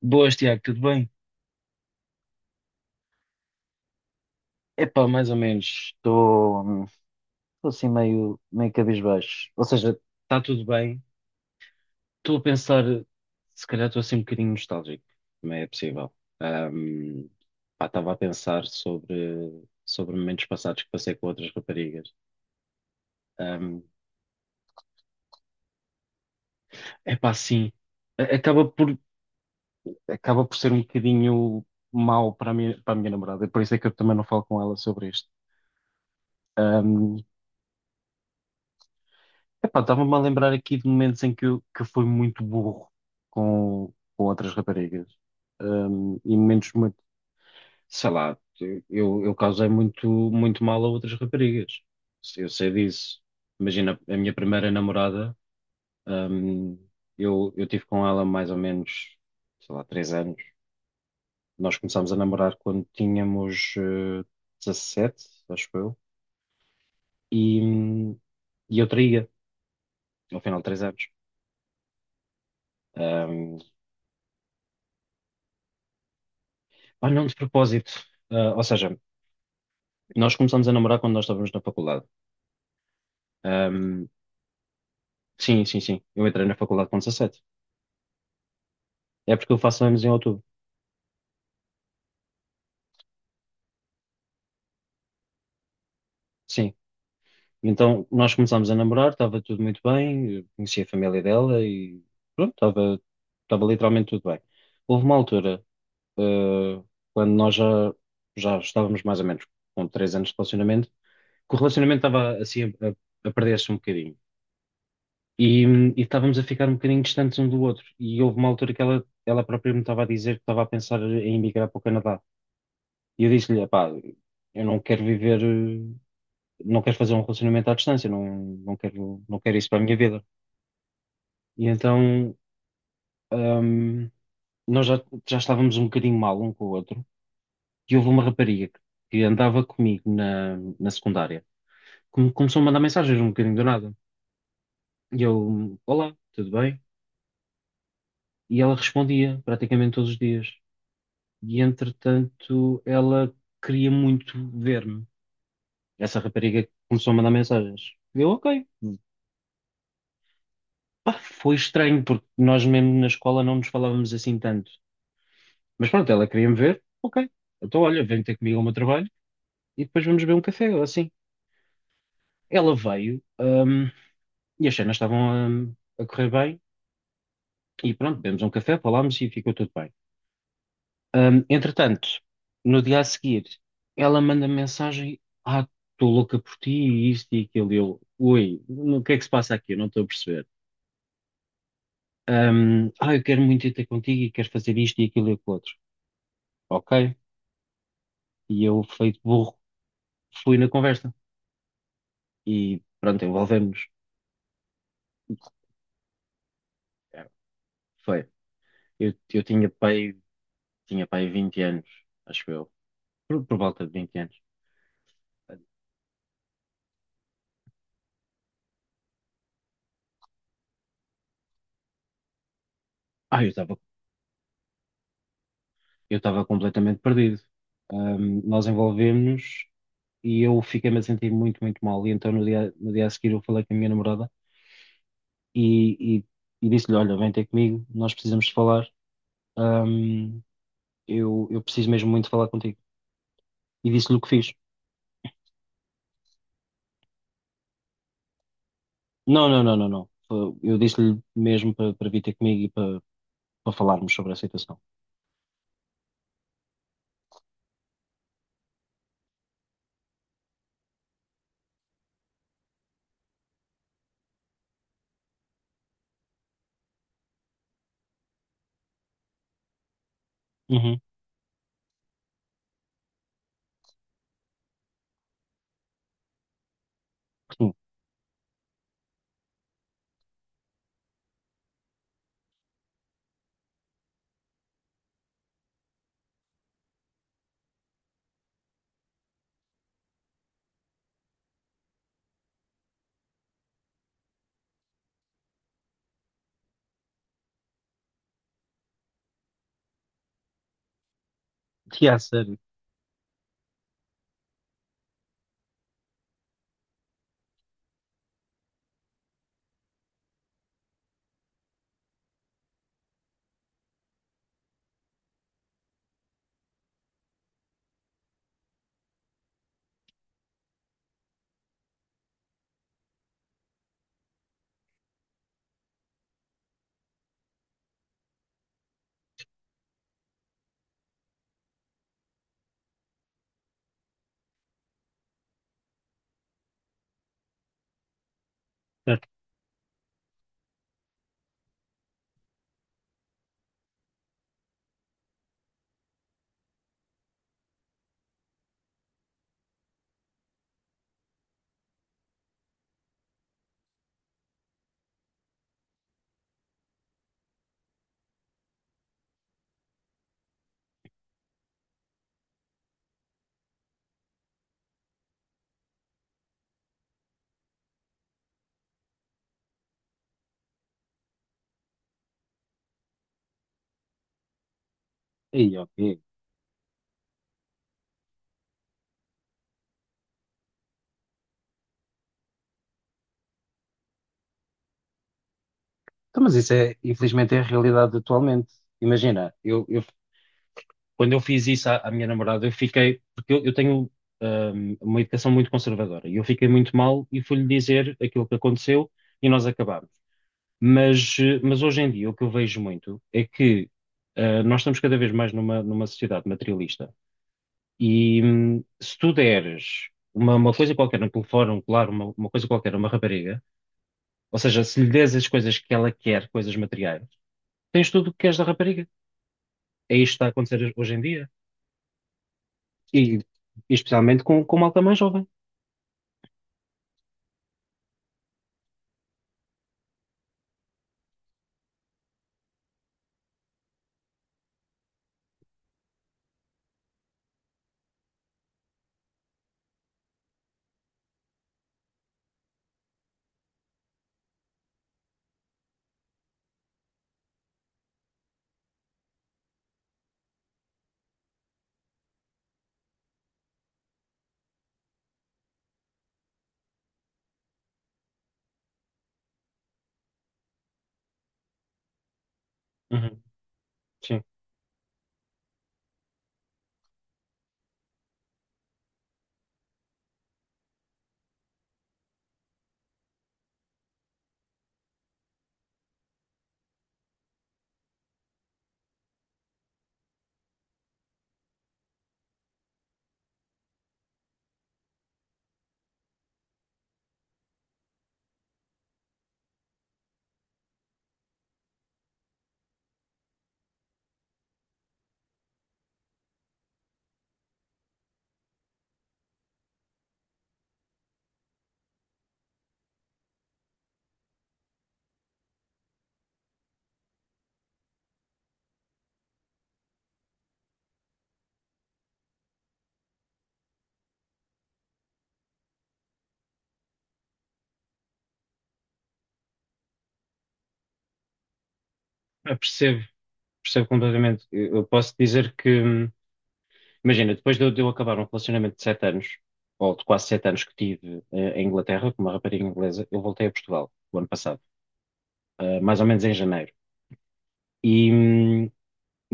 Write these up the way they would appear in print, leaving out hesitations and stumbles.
Boas, Tiago, tudo bem? Epá, mais ou menos. Estou assim meio cabisbaixo. Ou seja, está tudo bem. Estou a pensar, se calhar estou assim um bocadinho nostálgico. Também é possível. Ahm, pá, estava a pensar sobre momentos passados que passei com outras raparigas. Ahm, epá, sim. A- Acaba por, acaba por ser um bocadinho mau para a minha namorada. Por isso é que eu também não falo com ela sobre isto. Epá, estava-me a lembrar aqui de momentos em que eu fui muito burro com outras raparigas. E momentos muito, sei lá, eu causei muito, muito mal a outras raparigas. Eu sei disso. Imagina, a minha primeira namorada, hum, eu tive com ela mais ou menos, sei lá, 3 anos. Nós começámos a namorar quando tínhamos, 17, acho eu. E, hum, e eu traía, ao final de 3 anos. Hum, Pá, não de propósito. Ah, ou seja, nós começamos a namorar quando nós estávamos na faculdade. Ahm, sim, sim, sim. Eu entrei na faculdade com 17. É porque eu faço anos em outubro. Sim. Então, nós começámos a namorar, estava tudo muito bem, eu conheci a família dela e pronto, estava literalmente tudo bem. Houve uma altura, ah, quando nós já estávamos mais ou menos com 3 anos de relacionamento, que o relacionamento estava assim a perder-se um bocadinho. E estávamos a ficar um bocadinho distantes um do outro. E houve uma altura que ela própria me estava a dizer que estava a pensar em emigrar para o Canadá. E eu disse-lhe, epá, eu não quero viver, não quero fazer um relacionamento à distância, não, não quero isso para a minha vida. E então, hum, nós já estávamos um bocadinho mal um com o outro. E houve uma rapariga que andava comigo na secundária, que me começou a mandar mensagens um bocadinho do nada. E eu, olá, tudo bem? E ela respondia praticamente todos os dias. E entretanto ela queria muito ver-me. Essa rapariga começou a mandar mensagens. Eu, ok. Pá, foi estranho, porque nós mesmo na escola não nos falávamos assim tanto. Mas pronto, ela queria-me ver, ok. Então, olha, vem ter comigo ao meu trabalho e depois vamos beber um café, ou assim. Ela veio, e as cenas estavam, a correr bem, e pronto, bebemos um café, falámos e ficou tudo bem. Entretanto, no dia a seguir, ela manda mensagem: "Ah, estou louca por ti", e isto e aquilo. E eu, ui, o que é que se passa aqui? Eu não estou a perceber. Eu quero muito ir ter contigo e quero fazer isto e aquilo e o outro. Ok. E eu, feito burro, fui na conversa. E pronto, envolvemos. Foi. Eu tinha pai 20 anos, acho eu. Por volta de 20 anos. Ah, eu estava completamente perdido. Nós envolvemos-nos e eu fiquei-me a sentir muito, muito mal. E então no dia a seguir eu falei com a minha namorada e, e, e disse-lhe, olha, vem ter comigo, nós precisamos de falar, hum, eu preciso mesmo muito falar contigo. E disse-lhe o que fiz. Não, não, não, não, não. Eu disse-lhe mesmo para vir ter comigo para falarmos sobre a situação. Uhum. Sim, que há sério. Certo. Aí, ok. Então, mas isso é, infelizmente, é a realidade atualmente. Imagina, eu quando eu fiz isso à minha namorada, eu fiquei, porque eu tenho, uma educação muito conservadora, e eu fiquei muito mal e fui-lhe dizer aquilo que aconteceu e nós acabámos. Mas hoje em dia o que eu vejo muito é que nós estamos cada vez mais numa sociedade materialista e, se tu deres uma coisa qualquer no telefone, um colar, uma coisa qualquer, a uma rapariga, ou seja, se lhe des as coisas que ela quer, coisas materiais, tens tudo o que queres da rapariga. É isto que está a acontecer hoje em dia. E, e especialmente com malta mais jovem. Uhum, sim, eu percebo, percebo completamente. Eu posso dizer que, imagina, depois de eu acabar um relacionamento de 7 anos, ou de quase 7 anos que tive, em Inglaterra, com uma rapariga inglesa, eu voltei a Portugal o ano passado, mais ou menos em janeiro. E, hum,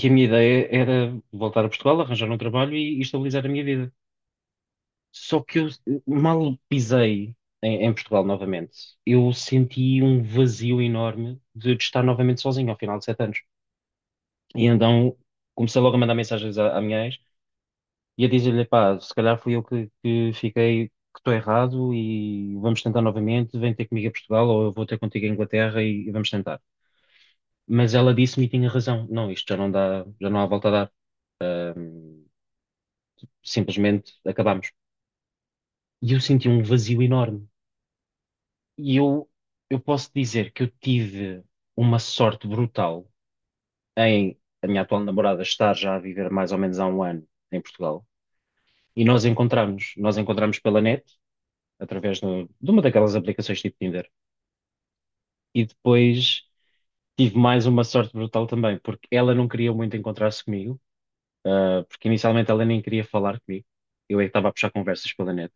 e a minha ideia era voltar a Portugal, arranjar um trabalho e estabilizar a minha vida. Só que eu mal pisei, em Portugal novamente. Eu senti um vazio enorme de estar novamente sozinho ao final de 7 anos. E então comecei logo a mandar mensagens à minha ex e a dizer-lhe, pá, se calhar fui eu que fiquei, que estou errado e vamos tentar novamente, vem ter comigo a Portugal ou eu vou ter contigo a Inglaterra e vamos tentar. Mas ela disse-me e tinha razão. Não, isto já não dá, já não há volta a dar. Hum, simplesmente acabámos. E eu senti um vazio enorme. E eu posso dizer que eu tive uma sorte brutal em a minha atual namorada estar já a viver mais ou menos há um ano em Portugal. E nós encontramos pela net, através de uma daquelas aplicações tipo Tinder. E depois tive mais uma sorte brutal também, porque ela não queria muito encontrar-se comigo, porque inicialmente ela nem queria falar comigo. Eu é que estava a puxar conversas pela net.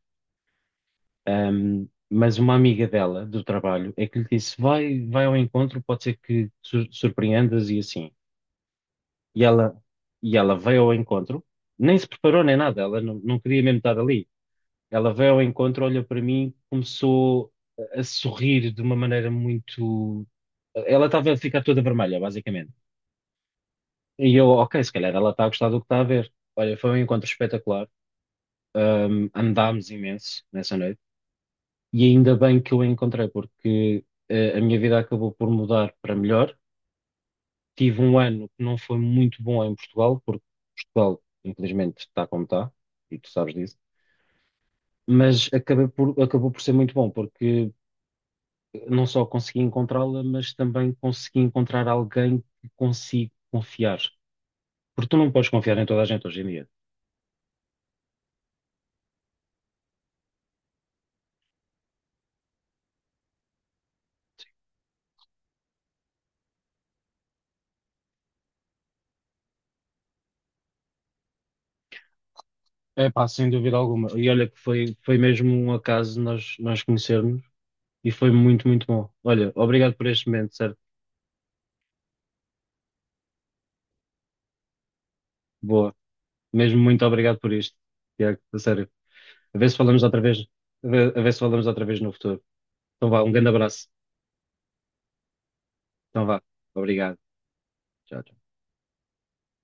Mas uma amiga dela, do trabalho, é que lhe disse: vai, vai ao encontro, pode ser que surpreendas e assim. E ela, e ela veio ao encontro, nem se preparou nem nada, ela não queria mesmo estar ali. Ela veio ao encontro, olhou para mim, começou a sorrir de uma maneira muito. Ela estava a ficar toda vermelha, basicamente. E eu, ok, se calhar ela está a gostar do que está a ver. Olha, foi um encontro espetacular. Andámos imenso nessa noite. E ainda bem que eu a encontrei, porque, a minha vida acabou por mudar para melhor. Tive um ano que não foi muito bom em Portugal, porque Portugal, infelizmente, está como está, e tu sabes disso. Mas acabou por ser muito bom, porque não só consegui encontrá-la, mas também consegui encontrar alguém que consigo confiar. Porque tu não podes confiar em toda a gente hoje em dia. É pá, sem dúvida alguma. E olha que foi mesmo um acaso nós conhecermos e foi muito, muito bom. Olha, obrigado por este momento, certo? Boa. Mesmo muito obrigado por isto, Tiago, a sério. A ver se falamos outra vez, a ver se falamos outra vez no futuro. Então vá, um grande abraço. Então vá, obrigado. Tchau.